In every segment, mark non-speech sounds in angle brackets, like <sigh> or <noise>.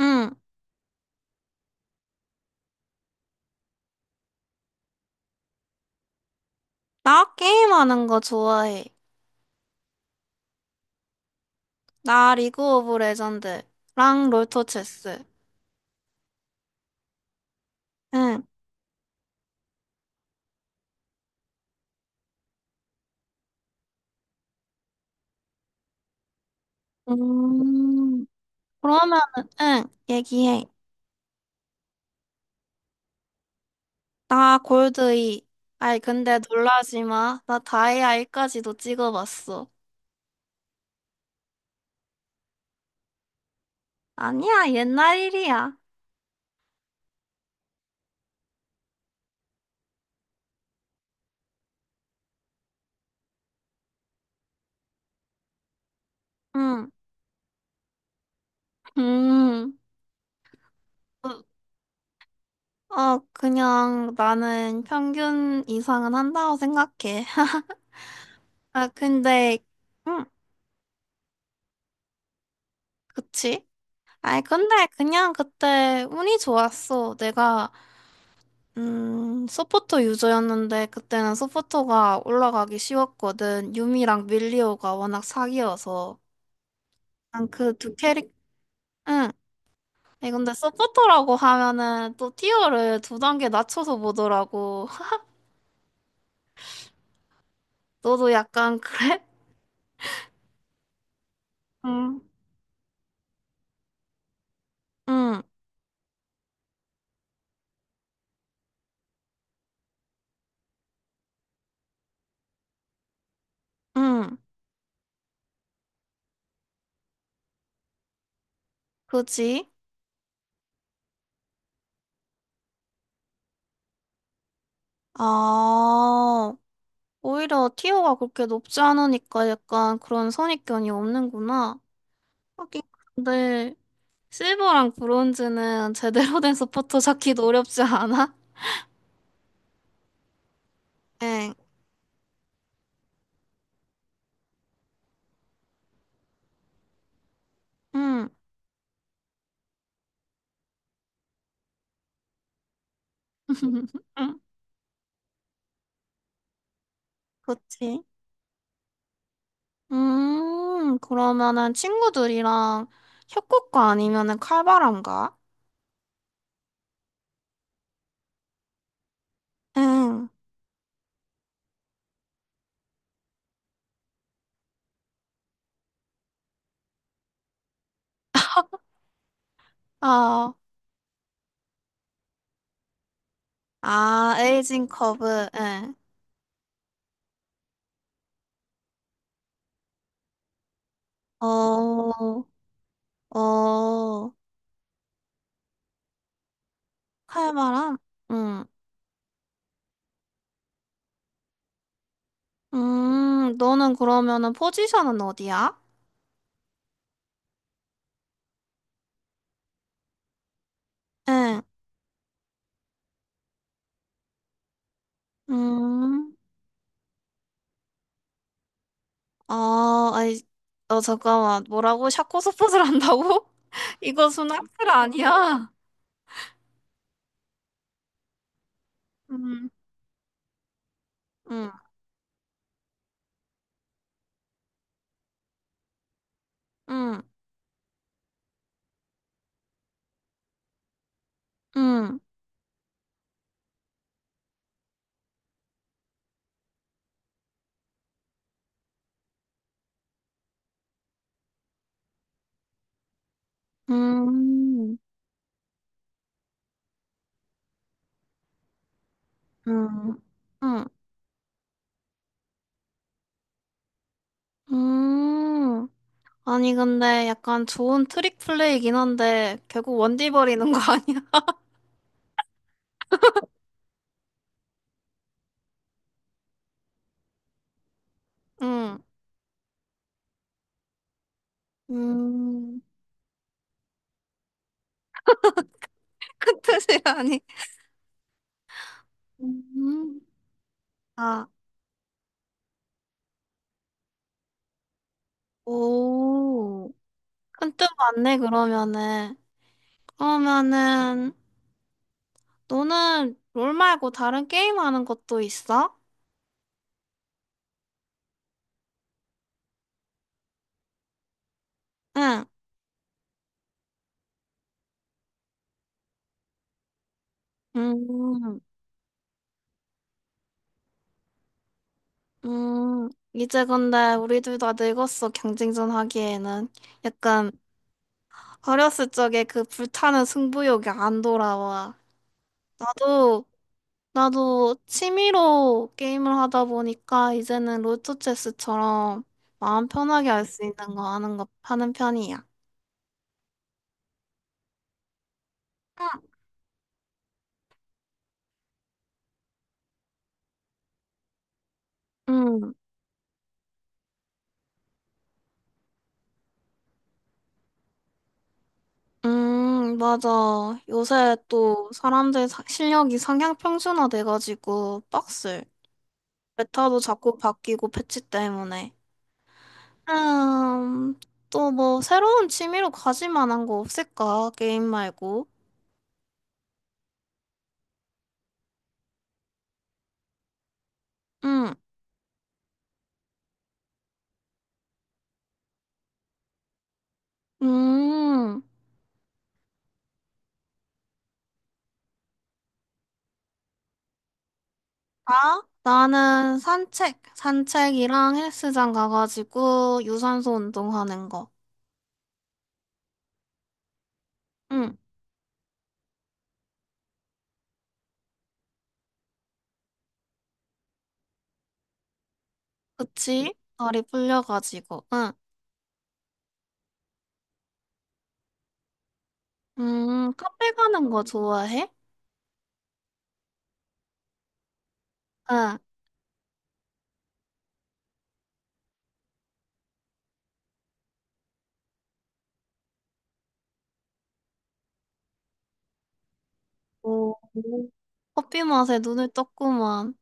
응, 나 게임하는 거 좋아해. 나 리그 오브 레전드랑 롤토 체스. 응. 음, 그러면은, 응, 얘기해. 나 골드 이 아이, 근데 놀라지 마. 나 다이아 이까지도 찍어봤어. 아니야, 옛날 일이야. 응, 음. 어, 그냥 나는 평균 이상은 한다고 생각해. <laughs> 아, 근데, 응, 그치? 아이, 근데 그냥 그때 운이 좋았어. 내가, 서포터 유저였는데 그때는 서포터가 올라가기 쉬웠거든. 유미랑 밀리오가 워낙 사기여서. 난 그 두 캐릭, 응. 아니, 근데 서포터라고 하면은 또 티어를 두 단계 낮춰서 보더라고. <laughs> 너도 약간 그래? 응. 응, 응. 그지? 아, 오히려 티어가 그렇게 높지 않으니까 약간 그런 선입견이 없는구나. 하긴 근데 실버랑 브론즈는 제대로 된 서포터 찾기도 어렵지 않아? 응, 응. <laughs> 응. 그치. 그러면은 친구들이랑 협곡가 아니면은 칼바람가? 응. 아, 아, 에이징 커브. 예. 어, 어, 칼바람? 응. 너는 그러면은 포지션은 어디야? 응. 음. 아, 아니, 어, 잠깐만. 뭐라고? 샤코 서폿을 한다고? <laughs> 이거 순학술 아니야? 음, 음, 음, 음, 음, 음, 음, 음. 아니, 근데 약간 좋은 트릭 플레이긴 한데, 결국 원딜 버리는 거 아니야? <laughs> 음, 음, 큰 뜻이 아니. 음, 아, 오. 큰 뜻 맞네, 그러면은. 그러면은, 너는 롤 말고 다른 게임 하는 것도 있어? 응. 음, 이제 근데 우리 둘 다 늙었어, 경쟁전 하기에는. 약간 어렸을 적에 그 불타는 승부욕이 안 돌아와. 나도, 나도 취미로 게임을 하다 보니까 이제는 롤토체스처럼 마음 편하게 할 수 있는 거 하는 거, 하는 편이야. 응. 응. 맞아. 요새 또 사람들 사- 실력이 상향 평준화 돼가지고 빡슬. 메타도 자꾸 바뀌고 패치 때문에. 음, 또 뭐 새로운 취미로 가질 만한 거 없을까? 게임 말고. 음, 음. 아? 나는 산책, 산책이랑 헬스장 가가지고 유산소 운동하는 거. 응, 그치? 다리 풀려가지고. 응. 카페 가는 거 좋아해? 응. 오, 커피 맛에 눈을 떴구만.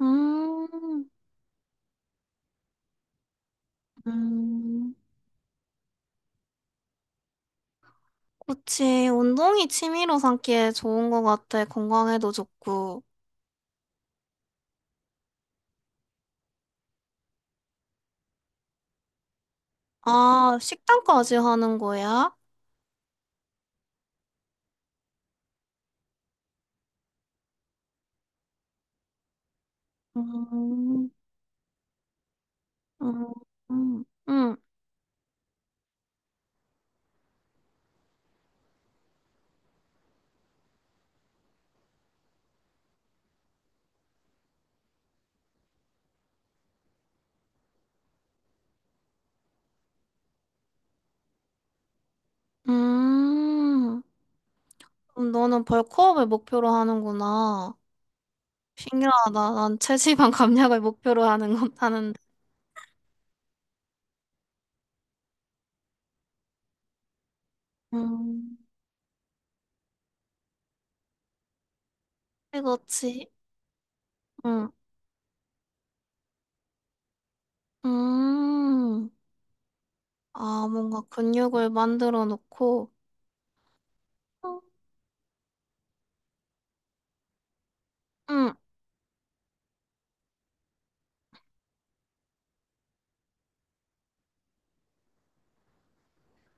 음, 음, 그치. 운동이 취미로 삼기에 좋은 것 같아. 건강에도 좋고. 아, 식단까지 하는 거야? 음, 음, 음, 음. 음. 그럼 너는 벌크업을 목표로 하는구나. 신기하다. 난 <laughs> 체지방 감량을 목표로 하는 건 하는데. 음. 그렇지. 응. 음. 아, 뭔가 근육을 만들어 놓고, 응,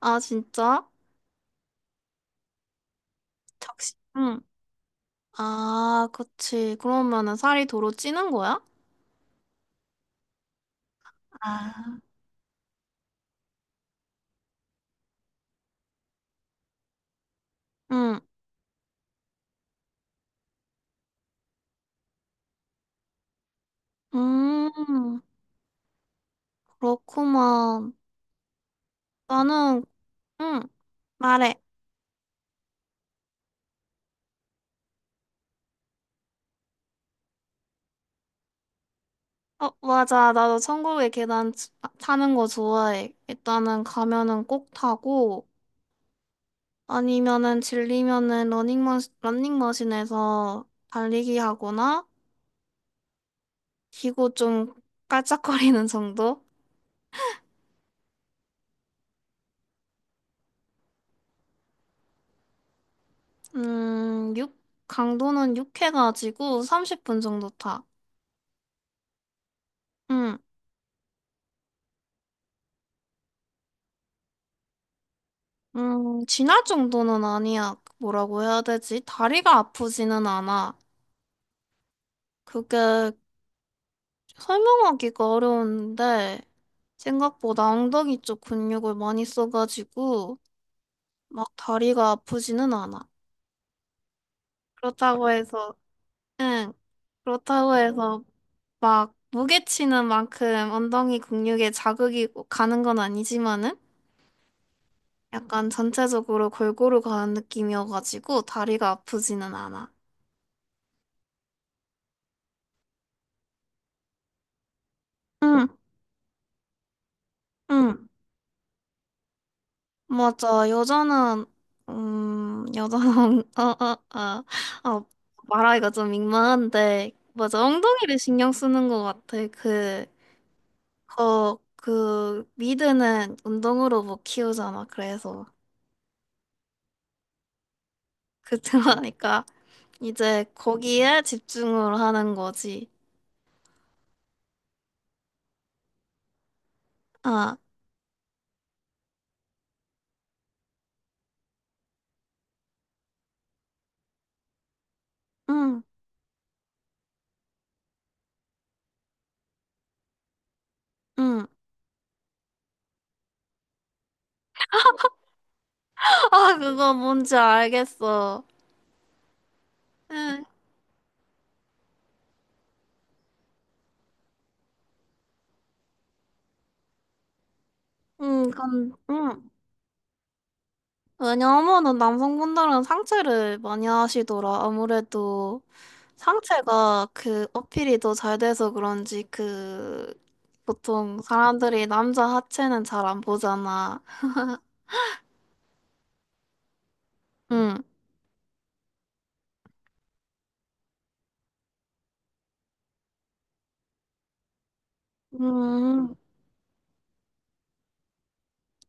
아, 진짜? 적시, 응. 아, 그치. 그러면은 살이 도로 찌는 거야? 아, 응, 음, 그렇구만. 나는, 응, 말해. 어, 맞아. 나도 천국의 계단 치- 아, 타는 거 좋아해. 일단은 가면은 꼭 타고, 아니면은 질리면은 러닝머신, 러닝머신에서 달리기 하거나, 기고 좀 깔짝거리는 정도? 육? 강도는 육 해가지고 30분 정도 타. 음, 지날 정도는 아니야. 뭐라고 해야 되지? 다리가 아프지는 않아. 그게 설명하기가 어려운데, 생각보다 엉덩이 쪽 근육을 많이 써가지고, 막 다리가 아프지는 않아. 그렇다고 해서, 응, 그렇다고 해서 막 무게 치는 만큼 엉덩이 근육에 자극이 가는 건 아니지만은 약간 전체적으로 골고루 가는 느낌이어가지고 다리가 아프지는 않아. 응, 응. 맞아. 여자는, 여자는, <laughs> 어, 어, 어. 아, 말하기가 좀 민망한데, 맞아. 엉덩이를 신경 쓰는 것 같아. 그, 어, 그, 미드는 운동으로 못 키우잖아. 그래서. 그, <laughs> 들어가니까. 이제 거기에 집중을 하는 거지. 아, 응, 응. 아, 그거 뭔지 알겠어. 응, 응, 건, 응. 왜냐하면은 남성분들은 상체를 많이 하시더라. 아무래도 상체가 그 어필이 더 잘 돼서 그런지 그 보통 사람들이 남자 하체는 잘 안 보잖아. 응. 음,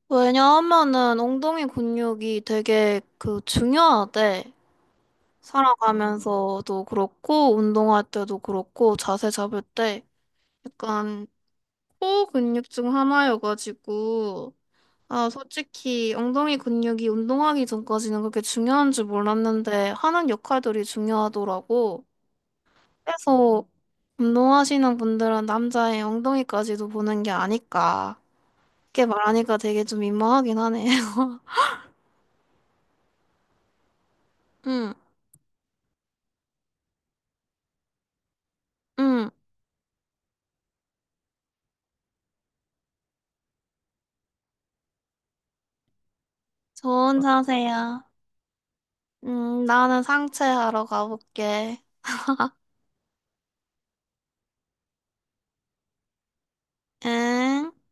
왜냐하면은 엉덩이 근육이 되게 그 중요하대. 살아가면서도 그렇고, 운동할 때도 그렇고, 자세 잡을 때 약간 코 근육 중 하나여가지고, 아, 솔직히 엉덩이 근육이 운동하기 전까지는 그렇게 중요한 줄 몰랐는데, 하는 역할들이 중요하더라고. 그래서 운동하시는 분들은 남자의 엉덩이까지도 보는 게 아닐까. 그렇게 말하니까 되게 좀 민망하긴 하네요. <laughs> 응, 응. 좋은 자세야. 나는 상체 하러 가볼게. 응.